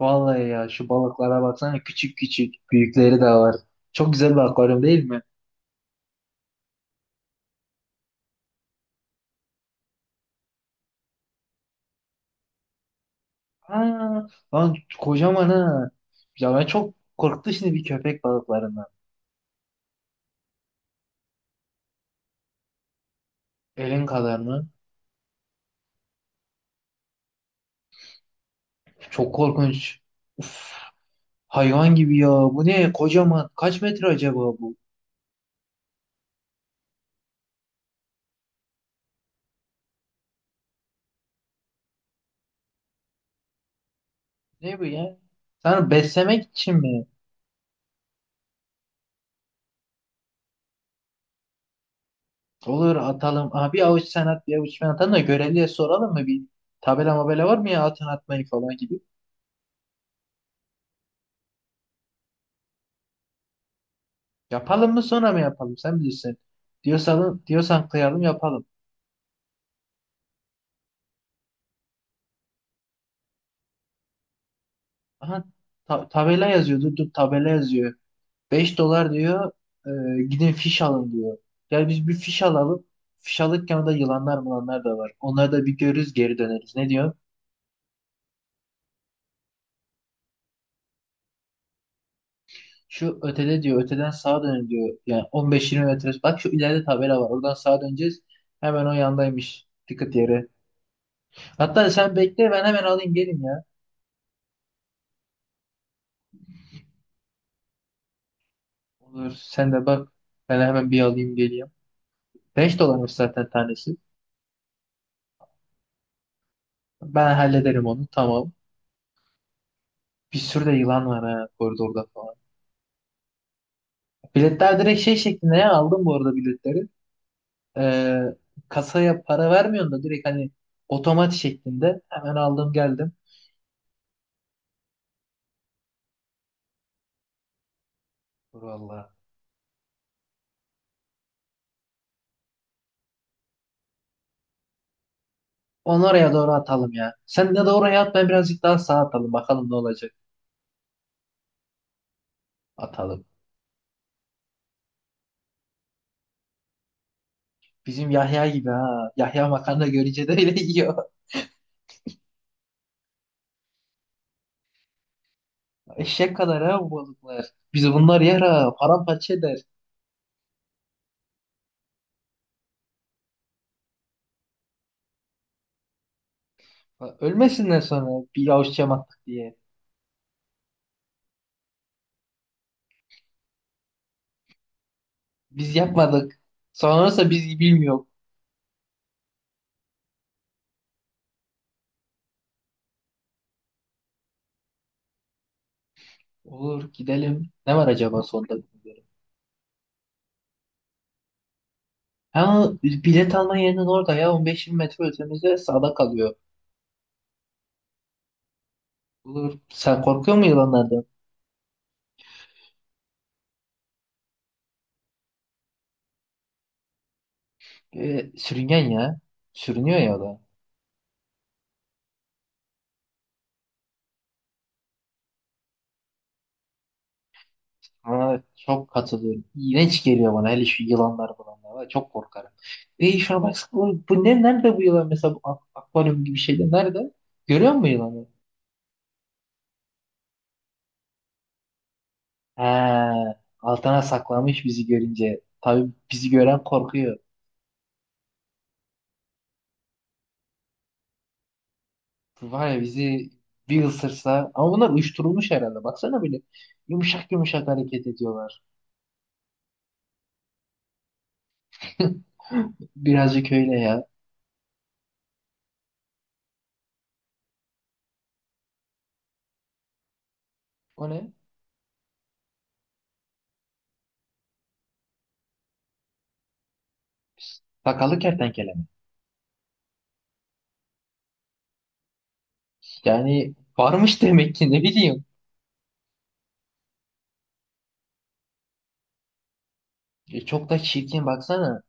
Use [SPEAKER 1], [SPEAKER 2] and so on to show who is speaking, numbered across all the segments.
[SPEAKER 1] Vallahi ya şu balıklara baksana küçük küçük büyükleri de var. Çok güzel bir akvaryum değil mi? Aa, lan kocaman ha. Ya ben çok korktu şimdi bir köpek balıklarından. Elin kadar mı? Çok korkunç. Uf, hayvan gibi ya. Bu ne? Kocaman. Kaç metre acaba bu? Ne bu ya? Sen beslemek için mi? Olur atalım. Aha, bir avuç sen at bir avuç ben atalım da görevliye soralım mı? Bir tabela mabela var mı ya atın atmayı falan gibi. Yapalım mı sonra mı yapalım? Sen bilirsin. Diyorsan, diyorsan kıyalım yapalım. Aha, tabela yazıyor. Dur dur tabela yazıyor. 5 dolar diyor. Gidin fiş alın diyor. Gel biz bir fiş alalım. Fiş alırken orada yılanlar mılanlar da var. Onları da bir görürüz geri döneriz. Ne diyor? Şu ötede diyor. Öteden sağa dönün diyor. Yani on beş 20 metre. Bak şu ileride tabela var. Oradan sağa döneceğiz. Hemen o yandaymış. Dikkat yere. Hatta sen bekle ben hemen alayım gelin ya. Olur sen de bak. Ben hemen bir alayım geleyim. 5 dolarmış zaten tanesi. Ben hallederim onu tamam. Bir sürü de yılan var ha koridorda falan. Biletler direkt şey şeklinde ya aldım bu arada biletleri. Ee, Kasaya para vermiyorsun da direkt hani otomat şeklinde hemen aldım geldim. Dur vallahi. Onu oraya doğru atalım ya. Sen de at ben birazcık daha sağa atalım bakalım ne olacak. Atalım. Bizim Yahya gibi ha. Yahya makarna görünce de öyle yiyor. Eşek kadar ha bu balıklar. Biz bunlar yer ha. Paramparça eder. Ölmesinler sonra bir avuç cam attık diye. Biz yapmadık. Sonrası biz bilmiyor. Olur gidelim. Ne var acaba sonda bilmiyorum. Ha, bilet alma yerinin orada ya on beş 20 metre ötemizde sağda kalıyor. Olur. Sen korkuyor musun yılanlardan? Sürüngen ya. Sürünüyor ya o da. Ha, çok katılıyorum. İğrenç geliyor bana hele şu yılanlar bulanlar var. Çok korkarım. E şuna bak, bu, bu ne, nerede bu yılan mesela bu akvaryum gibi şeyde nerede? Görüyor musun yılanı? Ha, altına saklamış bizi görünce. Tabii bizi gören korkuyor. Var ya bizi bir ısırsa ama bunlar uyuşturulmuş herhalde. Baksana böyle yumuşak yumuşak hareket ediyorlar. Birazcık öyle ya. O ne? Sakallı kertenkele mi? Yani varmış demek ki, ne bileyim. E, çok da çirkin baksana.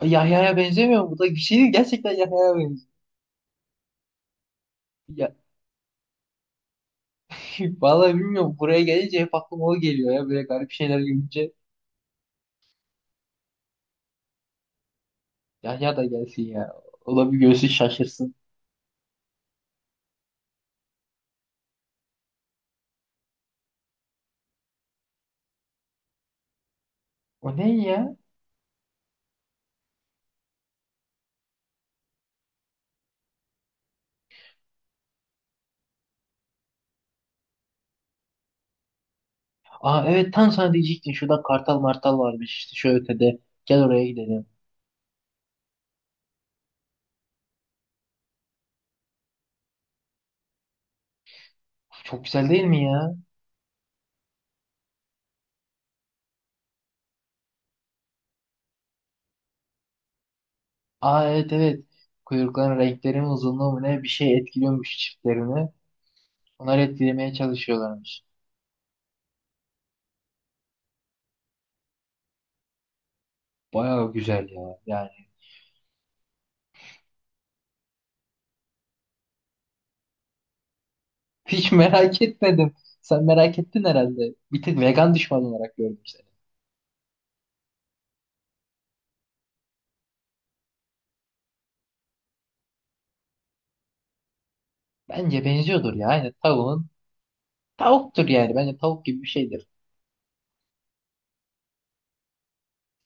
[SPEAKER 1] E, Yahya'ya benzemiyor mu? Bu da bir şey değil. Gerçekten Yahya'ya benziyor. Ya, vallahi bilmiyorum. Buraya gelince hep aklıma o geliyor ya. Böyle garip şeyler görünce. Yahya da gelsin ya. O da bir görsün şaşırsın. O ne ya? Aa evet, tam sana diyecektim. Şurada kartal martal varmış işte şu ötede. Gel oraya gidelim. Çok güzel değil mi ya? Aa evet evet. Kuyrukların renkleri mi, uzunluğu mu, ne bir şey etkiliyormuş çiftlerini. Onları etkilemeye çalışıyorlarmış. Bayağı güzel ya yani. Hiç merak etmedim. Sen merak ettin herhalde. Bir tık vegan düşman olarak gördüm seni. Bence benziyordur ya. Yani tavuğun, tavuktur yani. Bence tavuk gibi bir şeydir.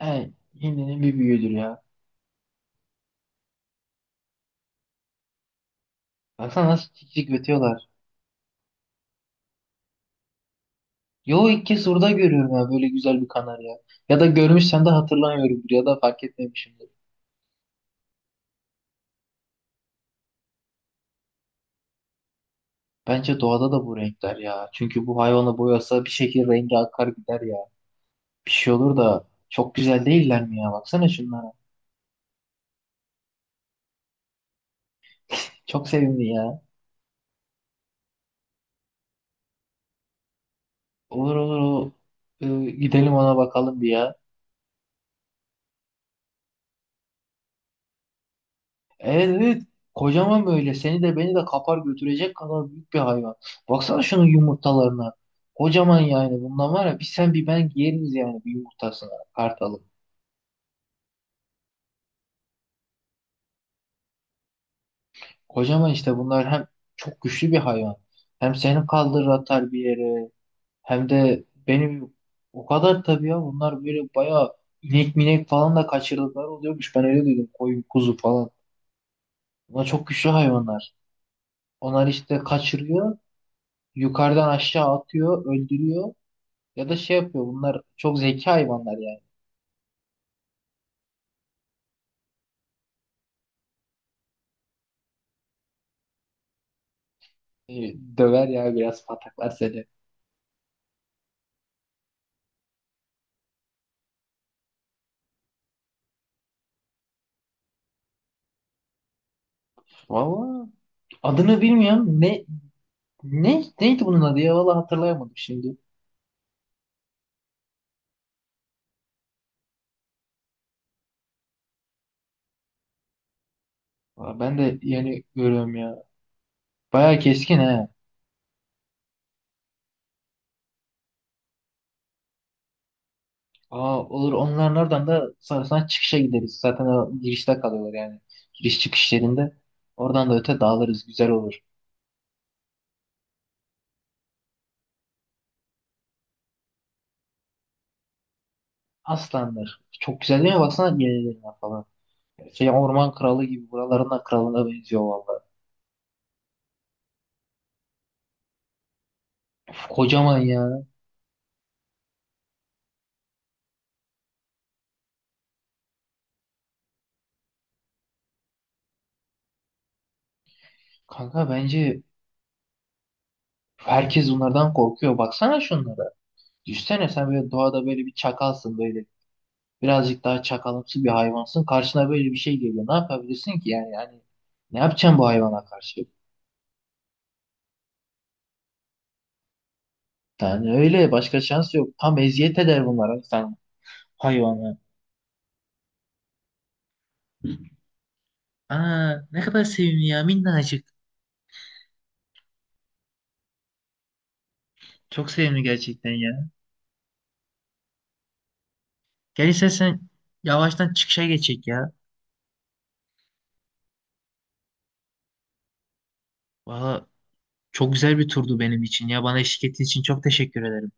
[SPEAKER 1] Yani hindinin bir büyüğüdür ya. Baksana nasıl cik cik ötüyorlar. Yo, ilk kez orada görüyorum ya böyle güzel bir kanarya. Ya da görmüşsem de hatırlamıyorumdur ya da fark etmemişimdir. Bence doğada da bu renkler ya. Çünkü bu hayvanı boyasa bir şekilde rengi akar gider ya. Bir şey olur da çok güzel değiller mi ya? Baksana şunlara. Çok sevimli ya. Olur olur o. Gidelim ona bakalım bir ya. Evet evet. Kocaman böyle. Seni de beni de kapar götürecek kadar büyük bir hayvan. Baksana şunun yumurtalarına. Kocaman yani. Bundan var ya, bir sen bir ben yeriz yani bir yumurtasına. Kartalı. Kocaman işte bunlar, hem çok güçlü bir hayvan. Hem seni kaldırır atar bir yere. Hem de benim o kadar, tabii ya bunlar böyle bayağı inek minek falan da kaçırdıkları oluyormuş. Ben öyle duydum, koyun kuzu falan. Bunlar çok güçlü hayvanlar. Onlar işte kaçırıyor. Yukarıdan aşağı atıyor. Öldürüyor. Ya da şey yapıyor. Bunlar çok zeki hayvanlar yani. E, döver ya, biraz pataklar seni. Valla adını bilmiyorum. Neydi bunun adı ya? Valla hatırlayamadım şimdi. Aa, ben de yeni görüyorum ya. Bayağı keskin he. Aa, olur, onların oradan da sonrasında çıkışa gideriz. Zaten o girişte kalıyorlar yani. Giriş çıkış yerinde. Oradan da öte dağılırız. Güzel olur. Aslanlar. Çok güzel değil mi? Baksana yenilerine falan. Şey, orman kralı gibi. Buraların da kralına benziyor valla. Uf, kocaman ya. Kanka bence herkes bunlardan korkuyor. Baksana şunlara. Düşsene sen böyle doğada, böyle bir çakalsın böyle. Birazcık daha çakalımsı bir hayvansın. Karşına böyle bir şey geliyor. Ne yapabilirsin ki yani? Yani ne yapacaksın bu hayvana karşı? Yani öyle başka şans yok. Tam eziyet eder bunlara sen hayvanı. Aa, ne kadar sevimli ya, minnacık. Çok sevimli gerçekten ya. Gel istersen yavaştan çıkışa geçecek ya. Valla çok güzel bir turdu benim için ya. Bana eşlik ettiğin için çok teşekkür ederim.